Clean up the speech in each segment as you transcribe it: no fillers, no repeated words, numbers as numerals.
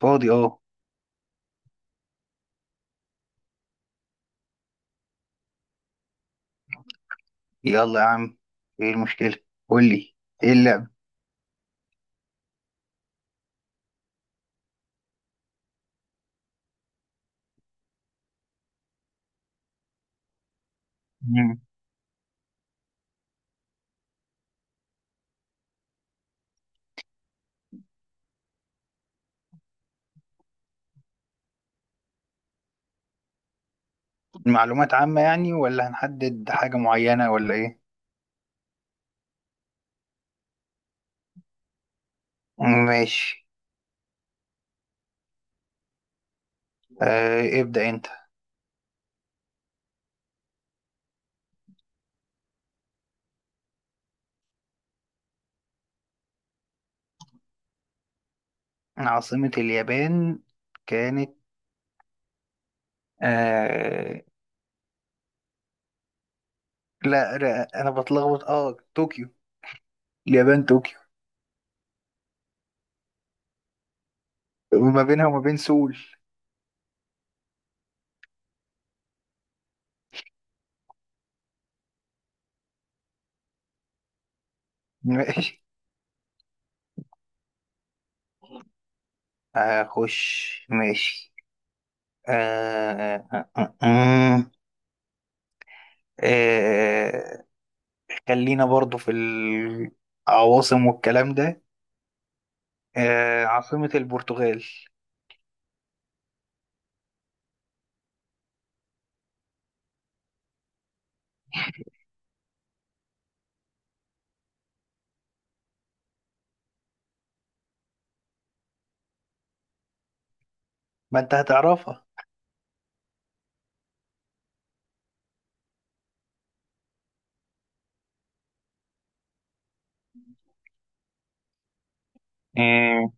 فاضي، اه. يلا يا عم. ايه المشكلة؟ قولي. ايه اللعب؟ مم. معلومات عامة يعني، ولا هنحدد حاجة معينة ولا ايه؟ ماشي. ابدأ انت. عاصمة اليابان كانت... آه. لا، لا، انا بتلخبط طوكيو. اليابان طوكيو. وما بينها وما بين سول. ماشي، هخش، ماشي. آه آه آه آه آه خلينا برضو في العواصم والكلام ده. عاصمة البرتغال؟ ما انت هتعرفها. مم.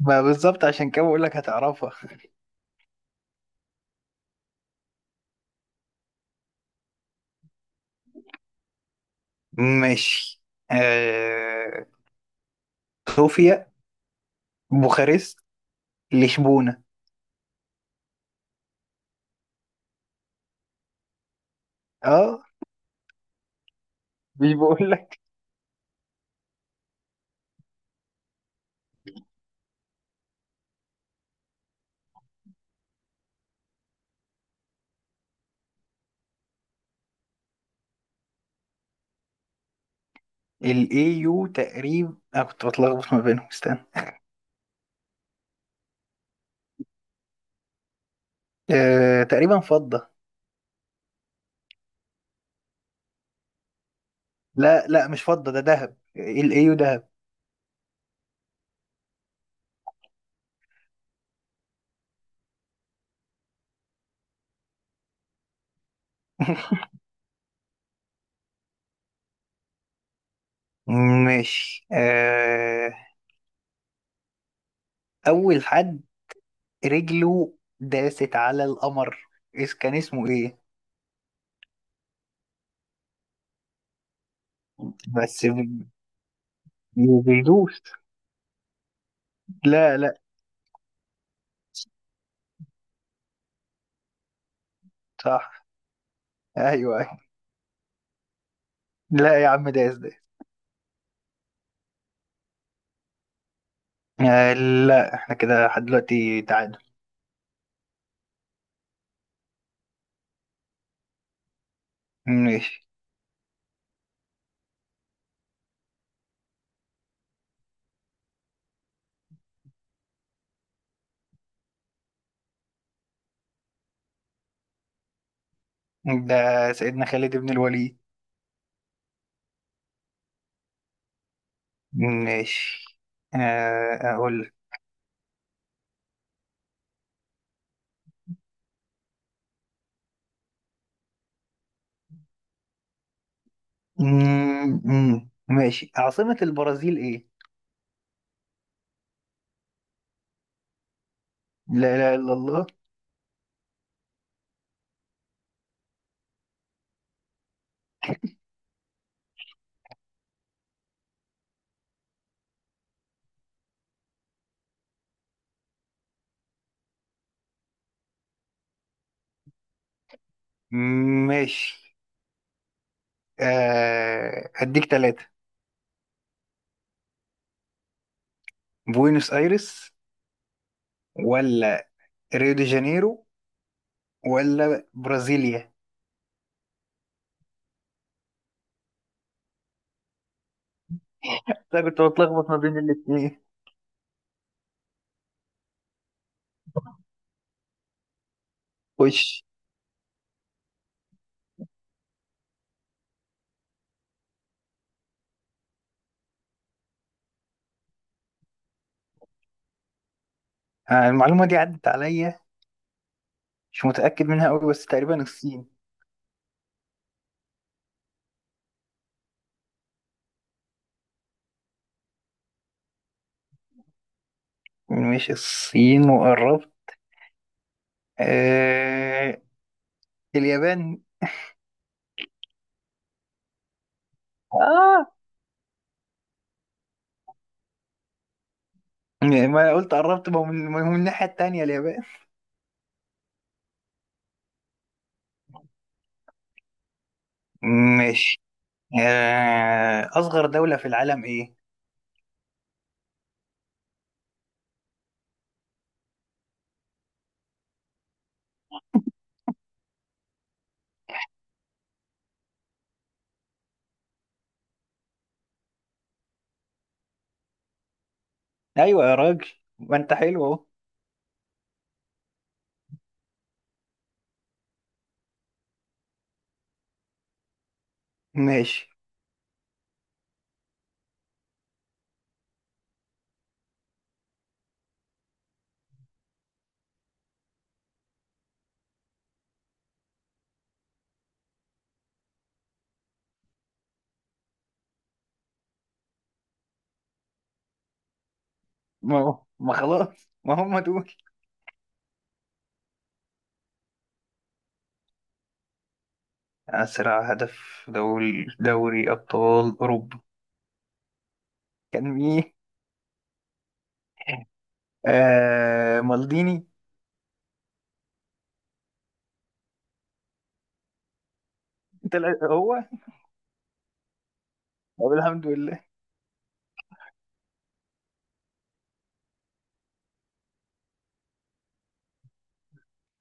ما بالظبط، عشان كده بقول لك هتعرفها. ماشي. آه صوفيا، بوخارست، لشبونة؟ اه، مش بقول لك. الاي يو تقريبا، انا كنت بتلخبط ما بينهم، استنى. تقريبا فضة. لا، لا، مش فضة، ده ذهب. الاي يو ذهب. ماشي. اول حد رجله داست على القمر، كان اسمه ايه؟ بس يدوس. لا، لا. صح. ايوه، أيوة. لا يا عم، دايس دايس. آه. لا، احنا كده لحد دلوقتي تعادل. ماشي. ده سيدنا خالد بن الوليد. ماشي. اقول لك. مم، مم. ماشي، عاصمة البرازيل ايه؟ لا اله الا الله. ماشي. هديك ثلاثة: بوينوس ايرس، ولا ريو دي جانيرو، ولا برازيليا؟ لا، كنت بتلخبط ما بين الاثنين. خش. المعلومة دي عدت عليا، مش متأكد منها قوي بس تقريبا الصين. مش الصين وقربت. آه... اليابان. آه ما قلت قربت، ما هو من الناحية التانية اليابان. ماشي. أصغر دولة في العالم إيه؟ أيوة يا راجل، ما أنت حلو أهو. ماشي. ما هو، ما خلاص ما هم دول. أسرع هدف دول دوري أبطال أوروبا كان مين؟ مالديني. طلع هو. طب الحمد لله.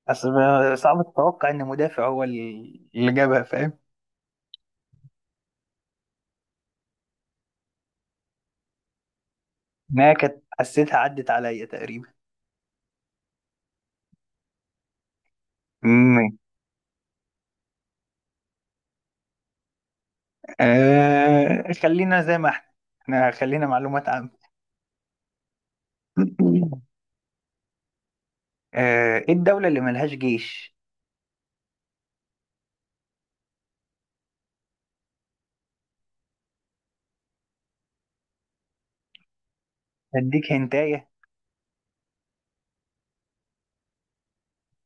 اصل صعب تتوقع ان مدافع هو اللي جابها، فاهم؟ انها كانت حسيتها عدت عليا تقريبا. مم. خلينا زي ما احنا، احنا خلينا معلومات عامة. ايه الدولة اللي ملهاش جيش؟ اديك هنتاية.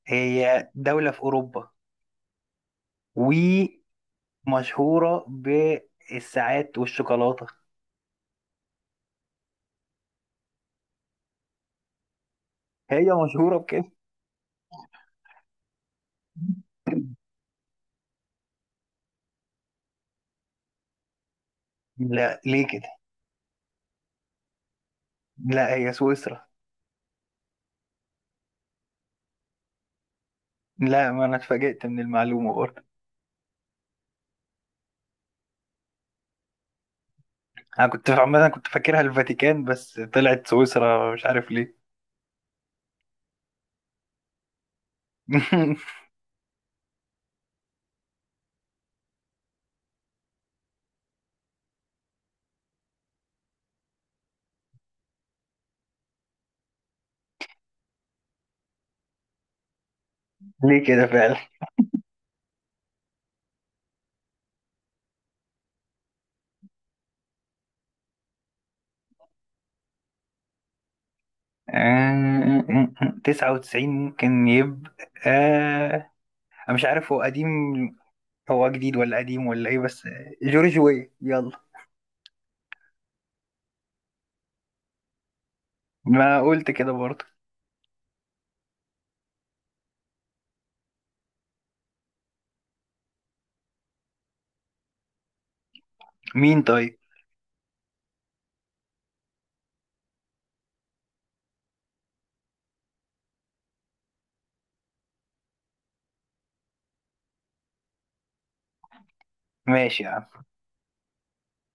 هي دولة في اوروبا، ومشهورة بالساعات والشوكولاتة. هي مشهورة بكده. لا، ليه كده. لا، هي سويسرا. لا، ما انا اتفاجئت من المعلومة برضه. انا كنت عامه كنت فاكرها الفاتيكان، بس طلعت سويسرا مش عارف ليه. ليه كده فعلا. 99 ممكن يبقى. آه، أنا مش عارف، هو قديم، هو جديد ولا قديم ولا ايه، بس جورج وي، يلا. ما قلت كده برضه. مين طيب؟ ماشي يا عم.